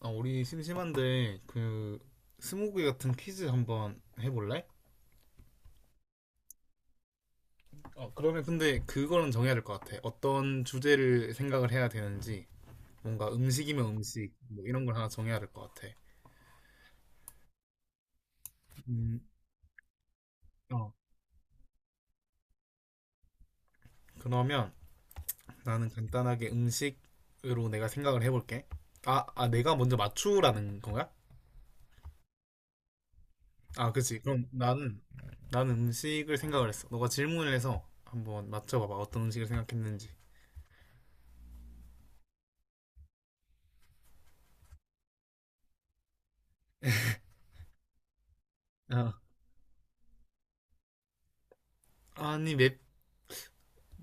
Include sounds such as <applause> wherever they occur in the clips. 아, 우리 심심한데 그 스무고개 같은 퀴즈 한번 해볼래? 그러면 근데 그거는 정해야 될 것 같아. 어떤 주제를 생각을 해야 되는지 뭔가 음식이면 음식 뭐 이런 걸 하나 정해야 될 것 같아. 음, 어. 그러면 나는 간단하게 음식으로 내가 생각을 해볼게. 아, 내가 먼저 맞추라는 건가? 아, 그치. 그럼 나는 음식을 생각을 했어. 너가 질문을 해서 한번 맞춰봐봐. 어떤 음식을 생각했는지. 어. 아니,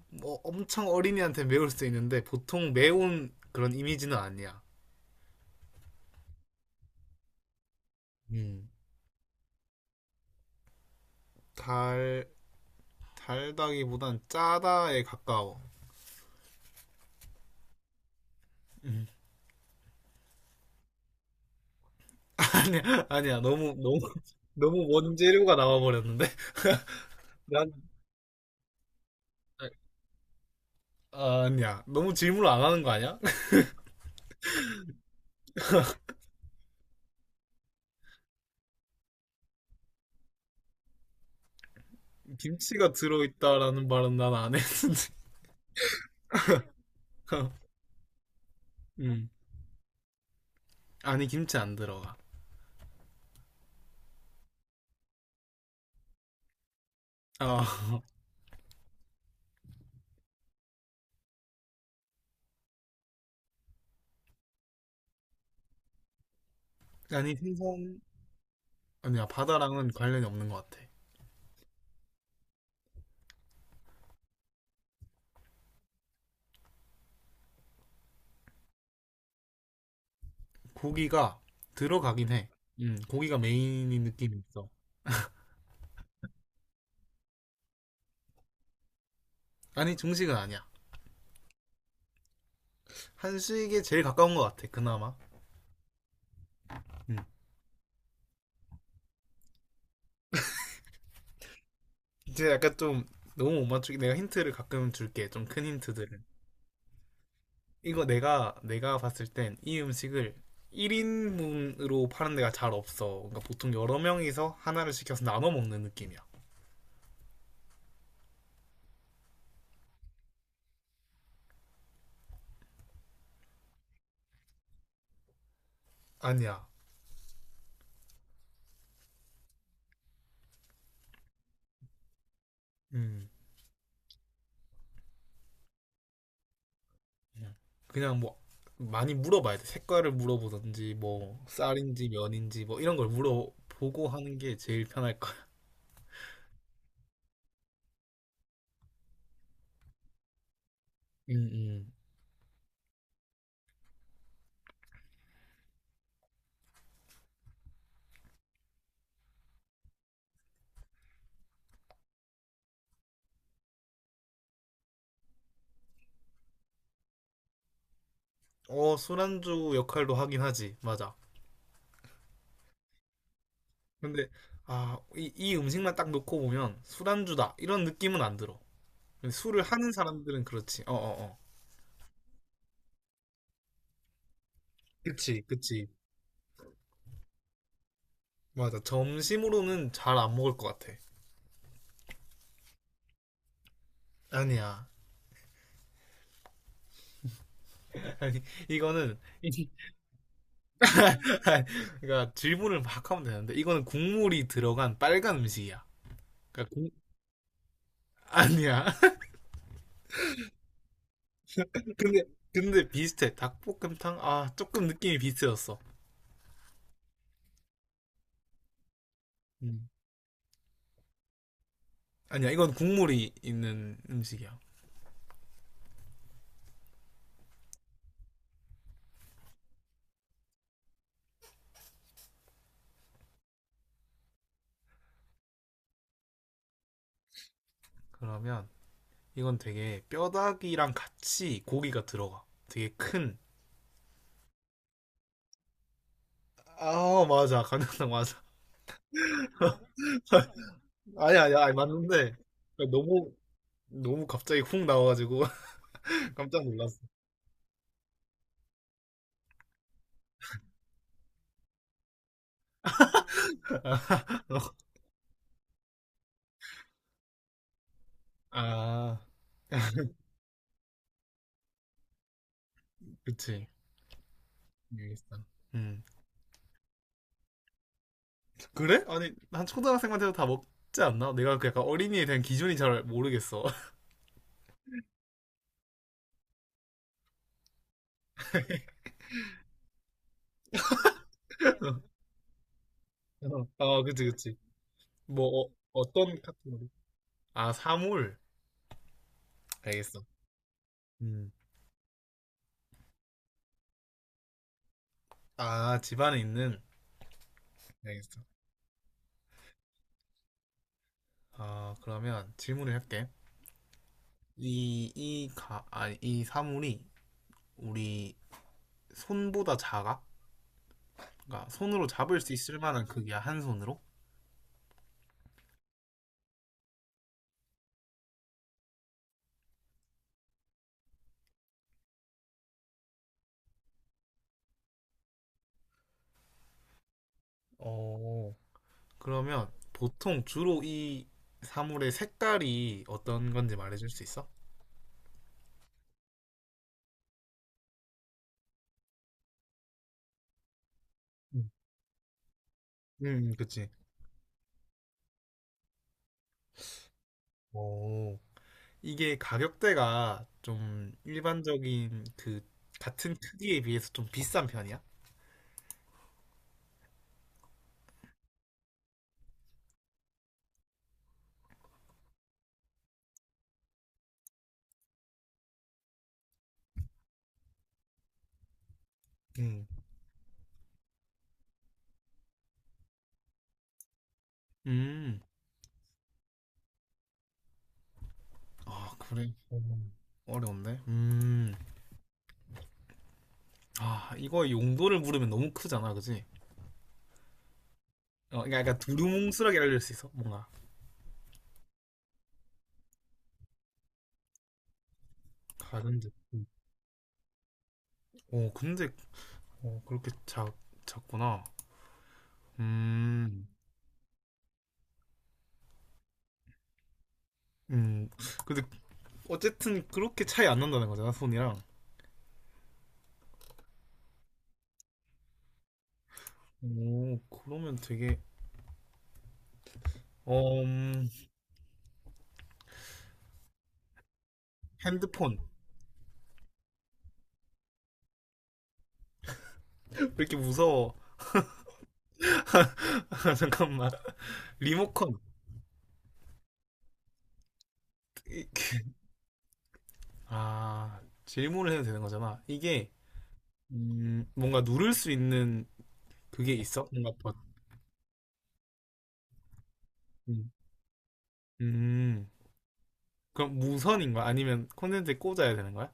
뭐 엄청 어린이한테 매울 수 있는데 보통 매운 그런 이미지는 아니야. 음. 달 달다기보단 짜다에 가까워. 음. <laughs> 아니야 아니야 너무 너무 너무 원재료가 나와버렸는데 <laughs> 난 아, 아니야 너무 질문을 안 하는 거 아니야? <laughs> 김치가 들어있다라는 말은 난 안 했는데. <laughs> 음. 아니 김치 안 들어가. 아 <laughs> 아니 생선 아니야 바다랑은 관련이 없는 것 같아. 고기가 들어가긴 해. 고기가 메인인 느낌이 있어. 아니, 중식은 아니야. 한식에 제일 가까운 것 같아, 그나마. 음. 이제 약간 좀 너무 못 맞추기. 내가 힌트를 가끔 줄게. 좀 큰 힌트들은 이거 내가, 내가 봤을 땐 이 음식을 1인분으로 파는 데가 잘 없어. 그러니까 보통 여러 명이서 하나를 시켜서 나눠 먹는 느낌이야. 아니야. 음. 그냥 그냥 뭐 많이 물어봐야 돼. 색깔을 물어보든지 뭐 쌀인지 면인지 뭐 이런 걸 물어보고 하는 게 제일 편할 거야. 음, 음. 어, 술안주 역할도 하긴 하지. 맞아. 근데 아, 이 음식만 딱 놓고 보면 술안주다. 이런 느낌은 안 들어. 근데 술을 하는 사람들은 그렇지. 어, 어, 어. 그치, 그치. 맞아. 점심으로는 잘 안 먹을 것 같아. 아니야. <laughs> 아니, 이거는 <laughs> 그러니까 질문을 막 하면 되는데 이거는 국물이 들어간 빨간 음식이야. 그러니까 국- 아니야. <laughs> 근데 근데 비슷해. 닭볶음탕 아 조금 느낌이 비슷해졌어. 음. 아니야 이건 국물이 있는 음식이야. 그러면 이건 되게 뼈다귀랑 같이 고기가 들어가. 되게 큰. 아 맞아 간장탕 맞아. <laughs> 아니 야 아니 맞는데 그러니까 너무 갑자기 훅 나와가지고 <laughs> 깜짝 놀랐어. <laughs> 아 그치. 알겠어. 음. 그래? 아니 한 초등학생만 해도 다 먹지 않나? 내가 그 약간 어린이에 대한 기준이 잘 모르겠어. <laughs> 아 그치 그치. 뭐 어떤 카테고리? 아 사물. 알겠어. 음. 아 집안에 있는. 알겠어. 아 그러면 질문을 할게. 이 이 가 아니 이 사물이 우리 손보다 작아? 그러니까 손으로 잡을 수 있을 만한 크기야 한 손으로? 어. 그러면 보통 주로 이 사물의 색깔이 어떤 건지 말해줄 수 있어? 음, 그치. 오, 이게 가격대가 좀 일반적인 그 같은 크기에 비해서 좀 비싼 편이야? 음, 음, 아, 그래. 어, 어려운데? 아, 이거 용도를 물으면 너무 크잖아, 그치? 어, 그러니까 약간 두루뭉술하게 알릴 수 있어, 뭔가. 가는데. 어, 근데, 어, 작구나. 음, 음, 근데 어쨌든 그렇게 차이 안 난다는 거잖아, 손이랑. 오, 그러면 되게 어, 음, 핸드폰. <laughs> 왜 이렇게 무서워? <laughs> 아, 잠깐만. 리모컨. 아, 질문을 해도 되는 거잖아. 이게, 뭔가 누를 수 있는 그게 있어? 뭔가 버 음, 음. 그럼 무선인 거야? 아니면 콘센트에 꽂아야 되는 거야?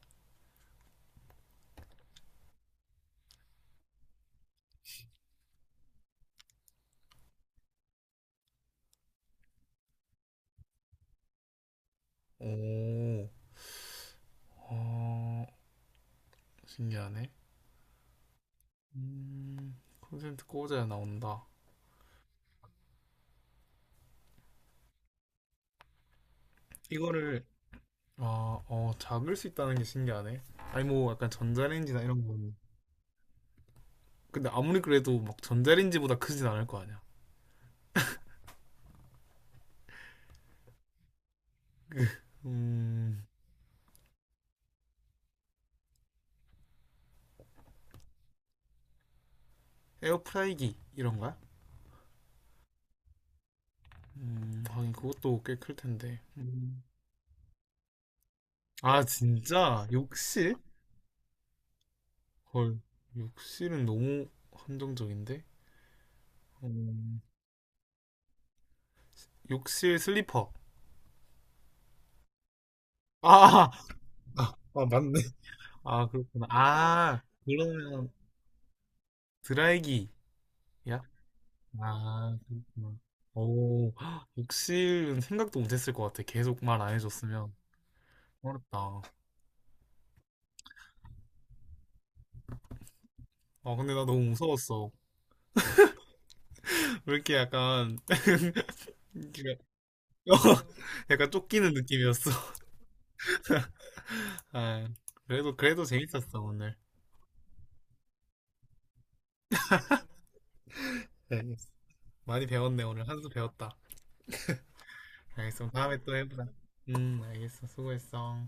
오, 어, 신기하네. 콘센트 꽂아야 나온다. 이거를, 아, 어, 잡을 수 있다는 게 신기하네. 아니, 뭐, 약간 전자레인지나 이런 건 근데 아무리 그래도 막 전자레인지보다 크진 않을 거 아니야. 음, 에어프라이기 이런 거야? 하긴 그것도 꽤 클 텐데. 음. 아, 진짜? 욕실? 헐, 욕실은 너무 한정적인데? 음, 욕실 슬리퍼. 아, 아, 맞네. 아, 그렇구나. 아, 그러면 드라이기야? 아, 그렇구나. 오, 욕실은 생각도 못했을 것 같아. 계속 말 안 해줬으면. 어렵다. 아, 근데 나 너무 무서웠어. 왜 이렇게 약간 <laughs> 이렇게 어, <laughs> 약간 쫓기는 느낌이었어. <laughs> 아, 그래도 그래도 재밌었어 오늘. 네, 많이 배웠네 오늘 한수 배웠다. 알겠어. 다음에 또 해보자. 알겠어. 수고했어.